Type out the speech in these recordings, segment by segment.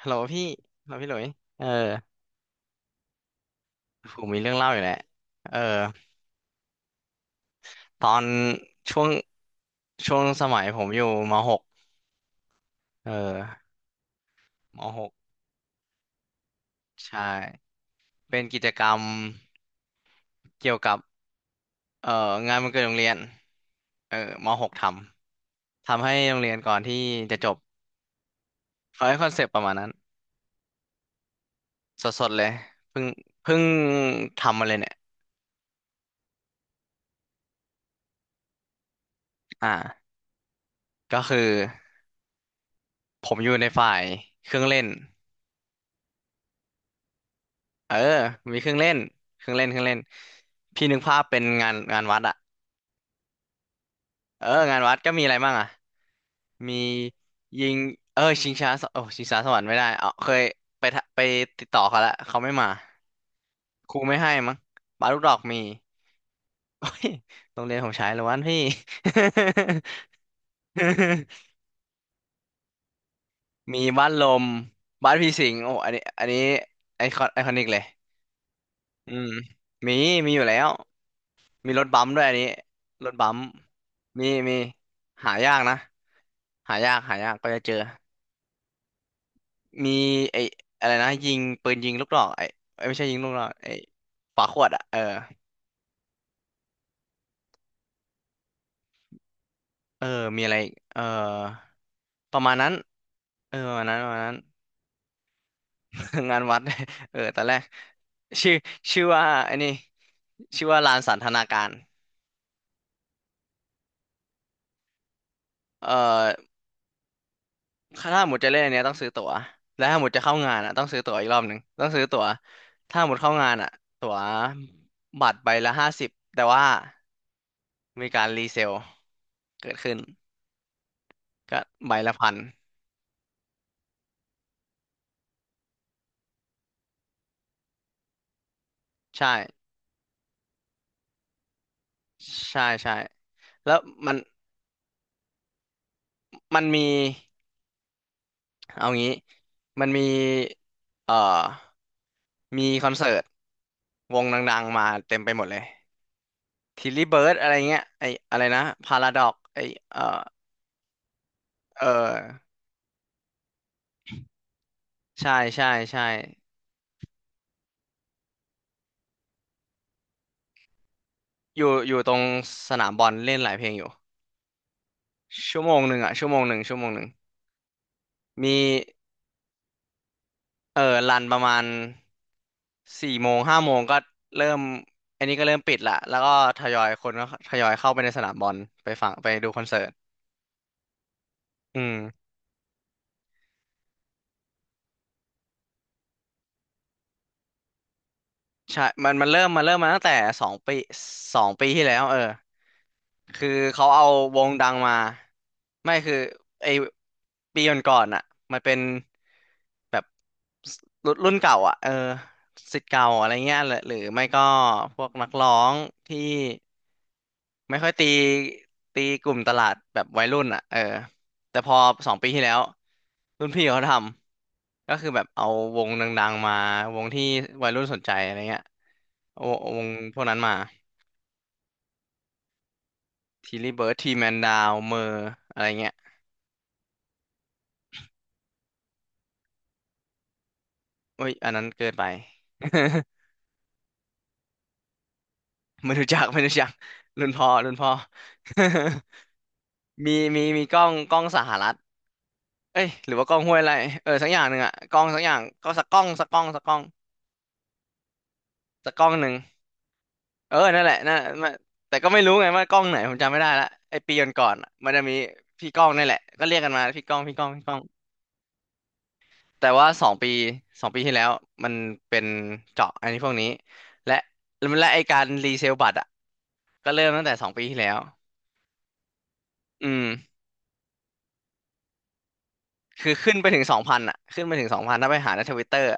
ฮัลโหลพี่ฮัลโหลพี่หลุยเออผมมีเรื่องเล่าอยู่แหละเออตอนช่วงช่วงสมัยผมอยู่มหกเออมหกใช่ เป็นกิจกรรมเกี่ยวกับเอ่องานวันเกิดโรงเรียนเออมหกทำให้โรงเรียนก่อนที่จะจบเขาให้คอนเซปต์ประมาณนั้นสดๆเลยเพิ่งเพิ่งทำมาเลยเนี่ยอ่าก็คือผมอยู่ในฝ่ายเครื่องเล่น เออมีเครื่องเล่นเครื่องเล่นเครื่องเล่นพี่นึกภาพเป็นงานวัดอะเอองานวัดก็มีอะไรบ้างอะมียิงเออชิงช้าสโอ้ชิงช้าสวรรค์ไม่ได้เอาเคยไปทะไปติดต่อเขาแล้วเขาไม่มาครูไม่ให้มั้งปาลูกดอกมีโอ้ยโรงเรียนผมใช้เล้ววันพี่ มีบ้านลมบ้านพี่สิงห์โอ้อันนี้ไอคอนิกเลยอืมมีมีอยู่แล้ว มีรถบัมป์ด้วยอันนี้รถบัมป์มีมีหายากนะหายากหายากก็จะเจอมีไอ้อะไรนะยิงปืนยิงลูกดอกไอ้เอ้ยไม่ใช่ยิงลูกดอกไอ้ฝาขวดอ่ะเออเออมีอะไรอีกเออประมาณนั้นเออประมาณนั้นประมาณนั้น งานวัด เออตอนแรกชื่อชื่อว่าไอ้นี่ชื่อว่าลานสันทนาการเออ ถ้าหมดจะเล่นอันเนี้ยต้องซื้อตั๋วและถ้าหมดจะเข้างานอ่ะต้องซื้อตั๋วอีกรอบหนึ่งต้องซื้อตั๋วถ้าหมดเข้างานอ่ะตั๋วบัตรใบละ 50แต่ว่ามีการรีเซลเกิดขึ้นก็ใบละ 1,000ใช่ใช่ใช่แล้วมันมันมีเอางี้มันมีเอ่อมีคอนเสิร์ตวงดังๆมาเต็มไปหมดเลยทิลลี่เบิร์ดอะไรเงี้ยไออะไรนะพาราดอกไอเอ่อเออใช่ใช่ใช่ อยู่ตรงสนามบอลเล่นหลายเพลงอยู่ชั่วโมงหนึ่งอ่ะชั่วโมงหนึ่งชั่วโมงหนึ่งมีเออรันประมาณ4 โมง5 โมงก็เริ่มอันนี้ก็เริ่มปิดละแล้วก็ทยอยคนก็ทยอยเข้าไปในสนามบอลไปฟังไปดูคอนเสิร์ตอืมใช่มันเริ่มเริ่มมาตั้งแต่สองปีสองปีที่แล้วเออ คือเขาเอาวงดังมาไม่คือไอปีก่อนๆอ่ะมันเป็นแบบรุ่นเก่าอ่ะเออศิษย์เก่าอะไรเงี้ยหรือไม่ก็พวกนักร้องที่ไม่ค่อยตีกลุ่มตลาดแบบวัยรุ่นอ่ะเออแต่พอสองปีที่แล้วรุ่นพี่เขาทำก็คือแบบเอาวงดังๆมาวงที่วัยรุ่นสนใจอะไรเงี้ยเอาวงพวกนั้นมาทีลีเบิร์ดทีแมนดาวเมอร์อะไรเงี้ย โอ้ยอันนั้นเกินไป ไม่รู้จักไม่รู้จักรุ่นพ่อรุ่นพ่อ มีกล้องสหรัฐเอ้ยหรือว่ากล้องห้วยไร่เออสักอย่างหนึ่งอะกล้องสักอย่างก็สักกล้องหนึ่งเออนั่นแหละนั่นมันแต่ก็ไม่รู้ไงว่ากล้องไหนผมจำไม่ได้ละไอปีก่อนๆอะมันจะมีพี่กล้องนี่แหละก็เรียกกันมาพี่กล้องพี่กล้องพี่กล้องแต่ว่าสองปีที่แล้วมันเป็นเจาะอันนี้พวกนี้และและไอการรีเซลบัตรอะก็เริ่มตั้งแต่สองปีที่แล้วอืม คือขึ้นไปถึงสองพันอ่ะขึ้นไปถึงสองพันถ้าไปหาในทวิตเตอร์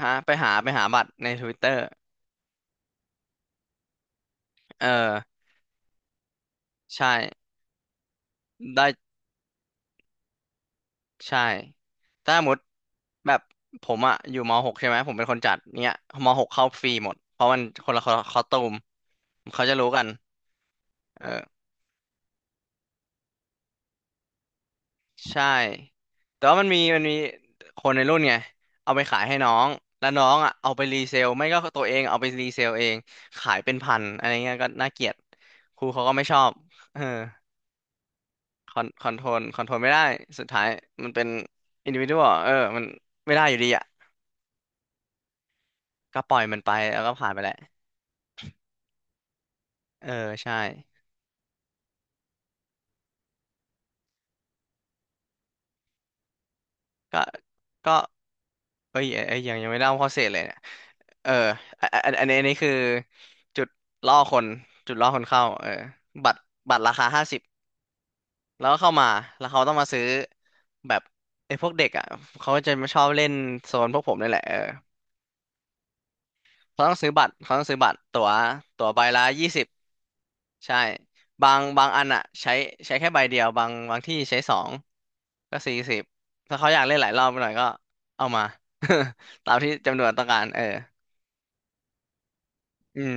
ฮะไปหาบัตรในทวิตเตอร์เออใช่ได้ใช่ถ้าสมมติแบบผมอ่ะอยู่มหกใช่ไหมผมเป็นคนจัดเนี้ยมหกเข้าฟรีหมดเพราะมันคนละคอสตูมเขาจะรู้กันเออใช่แต่ว่ามันมีคนในรุ่นไงเอาไปขายให้น้องแล้วน้องอ่ะเอาไปรีเซลไม่ก็ตัวเองเอาไปรีเซลเองขายเป็นพันอะไรเงี้ยก็น่าเกลียดครูเขาก็ไม่ชอบเออ คอนโทรลไม่ได้สุดท้ายมันเป็นอินดิวิ d ว a l เออมันไม่ได้อยู่ดีอ่ะก็ปล่อยมันไปแล้วก็ผ่านไปแหละเออใช่ก็ก็เอ้ยเอ้ยเอ้ยยังไม่ได้เล่าข้อเสียเลยเนี่ยเอออันนี้คือจุดล่อคนจุดล่อคนเข้าเออบัตรบัตรราคาห้าสิบแล้วก็เข้ามาแล้วเขาต้องมาซื้อแบบไอ้พวกเด็กอ่ะเขาจะมาชอบเล่นโซนพวกผมนี่แหละเออเขาต้องซื้อบัตรตั๋วใบละ 20 ใช่บางอันอะใช้แค่ใบเดียวบางที่ใช้สองก็40ถ้าเขาอยากเล่นหลายรอบหน่อยก็เอามา ตามที่จำนวนต้องการเอออืม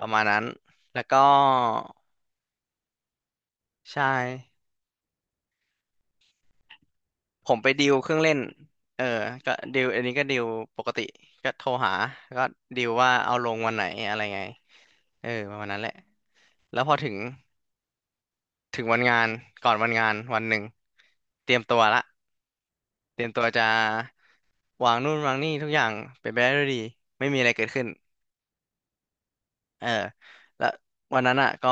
ประมาณนั้นแล้วก็ใช่ผมไปดิวเครื่องเล่นเออก็ดิวอันนี้ก็ดิวปกติก็โทรหาก็ดิวว่าเอาลงวันไหนอะไรไงเออประมาณนั้นแหละแล้วพอถึงวันงานก่อนวันงานวันหนึ่งเตรียมตัวละ เตรียมตัวจะวางนู่นวางนี่ทุกอย่างเป็นไปได้ด้วยดีไม่มีอะไรเกิดขึ้นเออแล้ววันนั้นอ่ะก็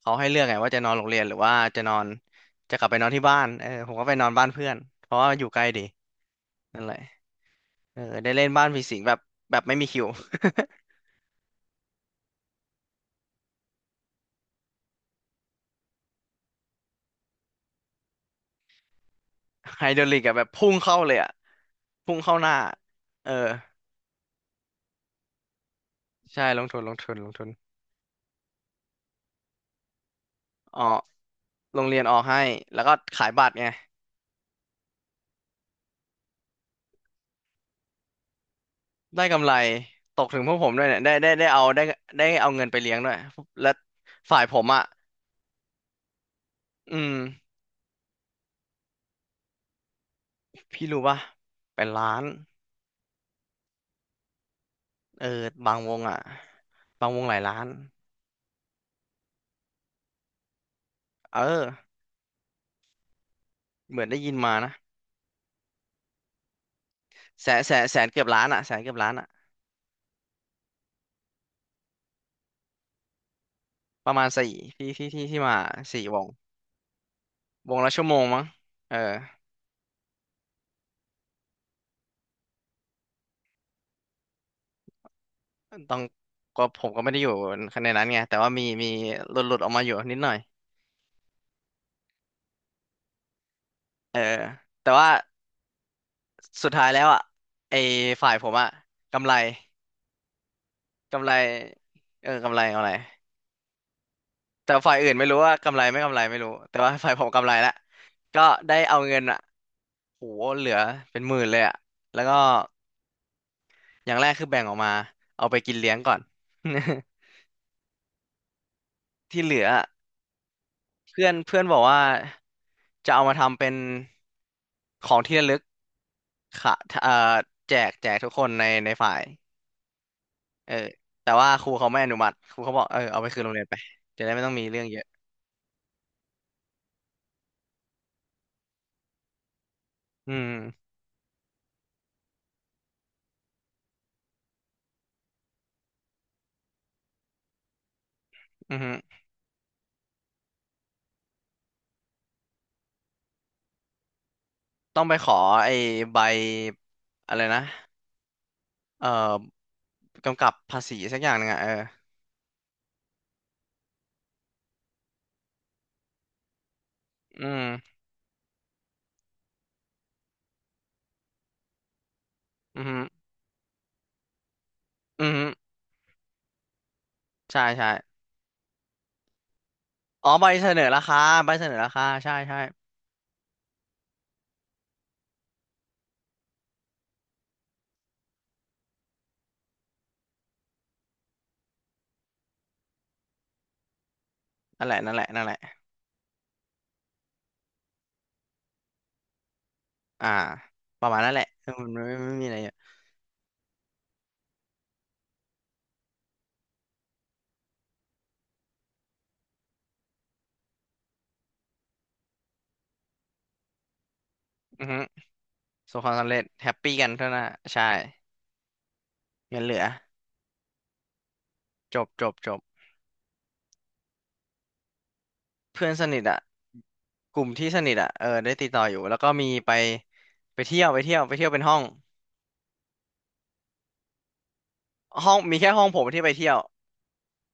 เขาให้เลือกไงว่าจะนอนโรงเรียนหรือว่าจะนอนจะกลับไปนอนที่บ้านเออผมก็ไปนอนบ้านเพื่อนเพราะว่าอยู่ใกล้ดีนั่นแหละเออได้เล่นบ้านผีสิงแบบแบบไม่มีคิว ไฮดรอลิกอะแบบพุ่งเข้าเลยอะพุ่งเข้าหน้าเออใช่ลงทุนลงทุนลงทุนอ๋อโรงเรียนออกให้แล้วก็ขายบัตรไง ได้กำไรตกถึงพวกผมด้วยเนี่ยได้ได้ได้เอาได้ได้เอาเงินไปเลี้ยงด้วยและฝ่ายผมอ่ะอืมพี่รู้ป่ะเป็นล้านเออบางวงอ่ะบางวงหลายล้านเออเหมือนได้ยินมานะแสนแสนแสนเกือบล้านอ่ะแสนเกือบล้านอ่ะประมาณสี่ที่ที่มาสี่วงวงละชั่วโมงมั้งเออต้องก็ผมก็ไม่ได้อยู่ในนั้นไงแต่ว่ามีหลุดออกมาอยู่นิดหน่อยเออแต่ว่าสุดท้ายแล้วอ่ะไอ้ฝ่ายผมอ่ะกำไร กำไรเออกำไรกำไรแต่ฝ่ายอื่นไม่รู้ว่ากำไรไม่กำไรไม่รู้แต่ว่าฝ่ายผมกำไรละก็ได้เอาเงินอ่ะโหเหลือเป็นหมื่นเลยอ่ะแล้วก็อย่างแรกคือแบ่งออกมาเอาไปกินเลี้ยงก่อน ที่เหลืออะเพื่อนเพื่อนบอกว่าจะเอามาทำเป็นของที่ระลึกค่ะเอ่อแจกทุกคนในฝ่ายเออแต่ว่าครูเขาไม่อนุมัติครูเขาบอกเออเอาไปคืนโรงเรียนไปจะได้ไม่ต้องมีเรื่องเยอะอืมอือ ต้องไปขอไอ้ใบอะไรนะเอ่อกำกับภาษีสักอย่างหนึ่งอ่ะเอออืมอืมอืมใช่ใช่อ๋อใบเสนอราคาใบเสนอราคาใช่ใช่นั่นแหละนั่นแหละอ่าประมาณนั่นแหละเออมันไม่มีอะไรเยอะอือฮึส่วนความสำเร็จแฮปปี้กันเท่านั้นอะใช่เงินเหลือจบจบเพื่อนสนิทอ่ะกลุ่มที่สนิทอ่ะเออได้ติดต่ออยู่ แล้วก็มีไปเที่ยวเป็นห้องห้องมีแค่ห้องผมที่ไปเที่ยว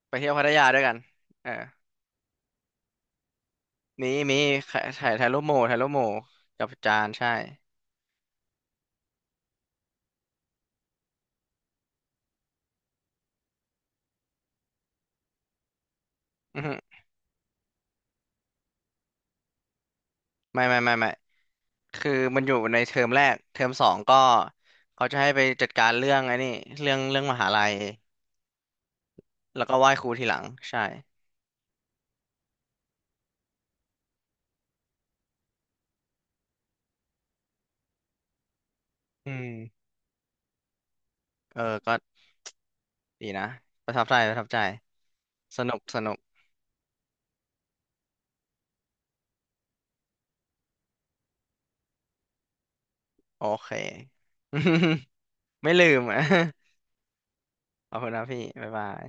ไปเที่ยวพัทยาด้วยกันเออมีถ่ายรูปหมู่กับอาจารย์ใช่อือฮึไม่ไม่ไม่ไม่ คือมันอยู่ในเทอมแรกเทอมสองก็เขาจะให้ไปจัดการเรื่องไอ้นี่เรื่องมหาลัยแล้วก็ไหว้ครูทีหลังใช่อืมเออ ก็ดีนะประทับใจสนุกโอเค ไม่ลืม อ่ะขอบคุณนะพี่ บ๊ายบาย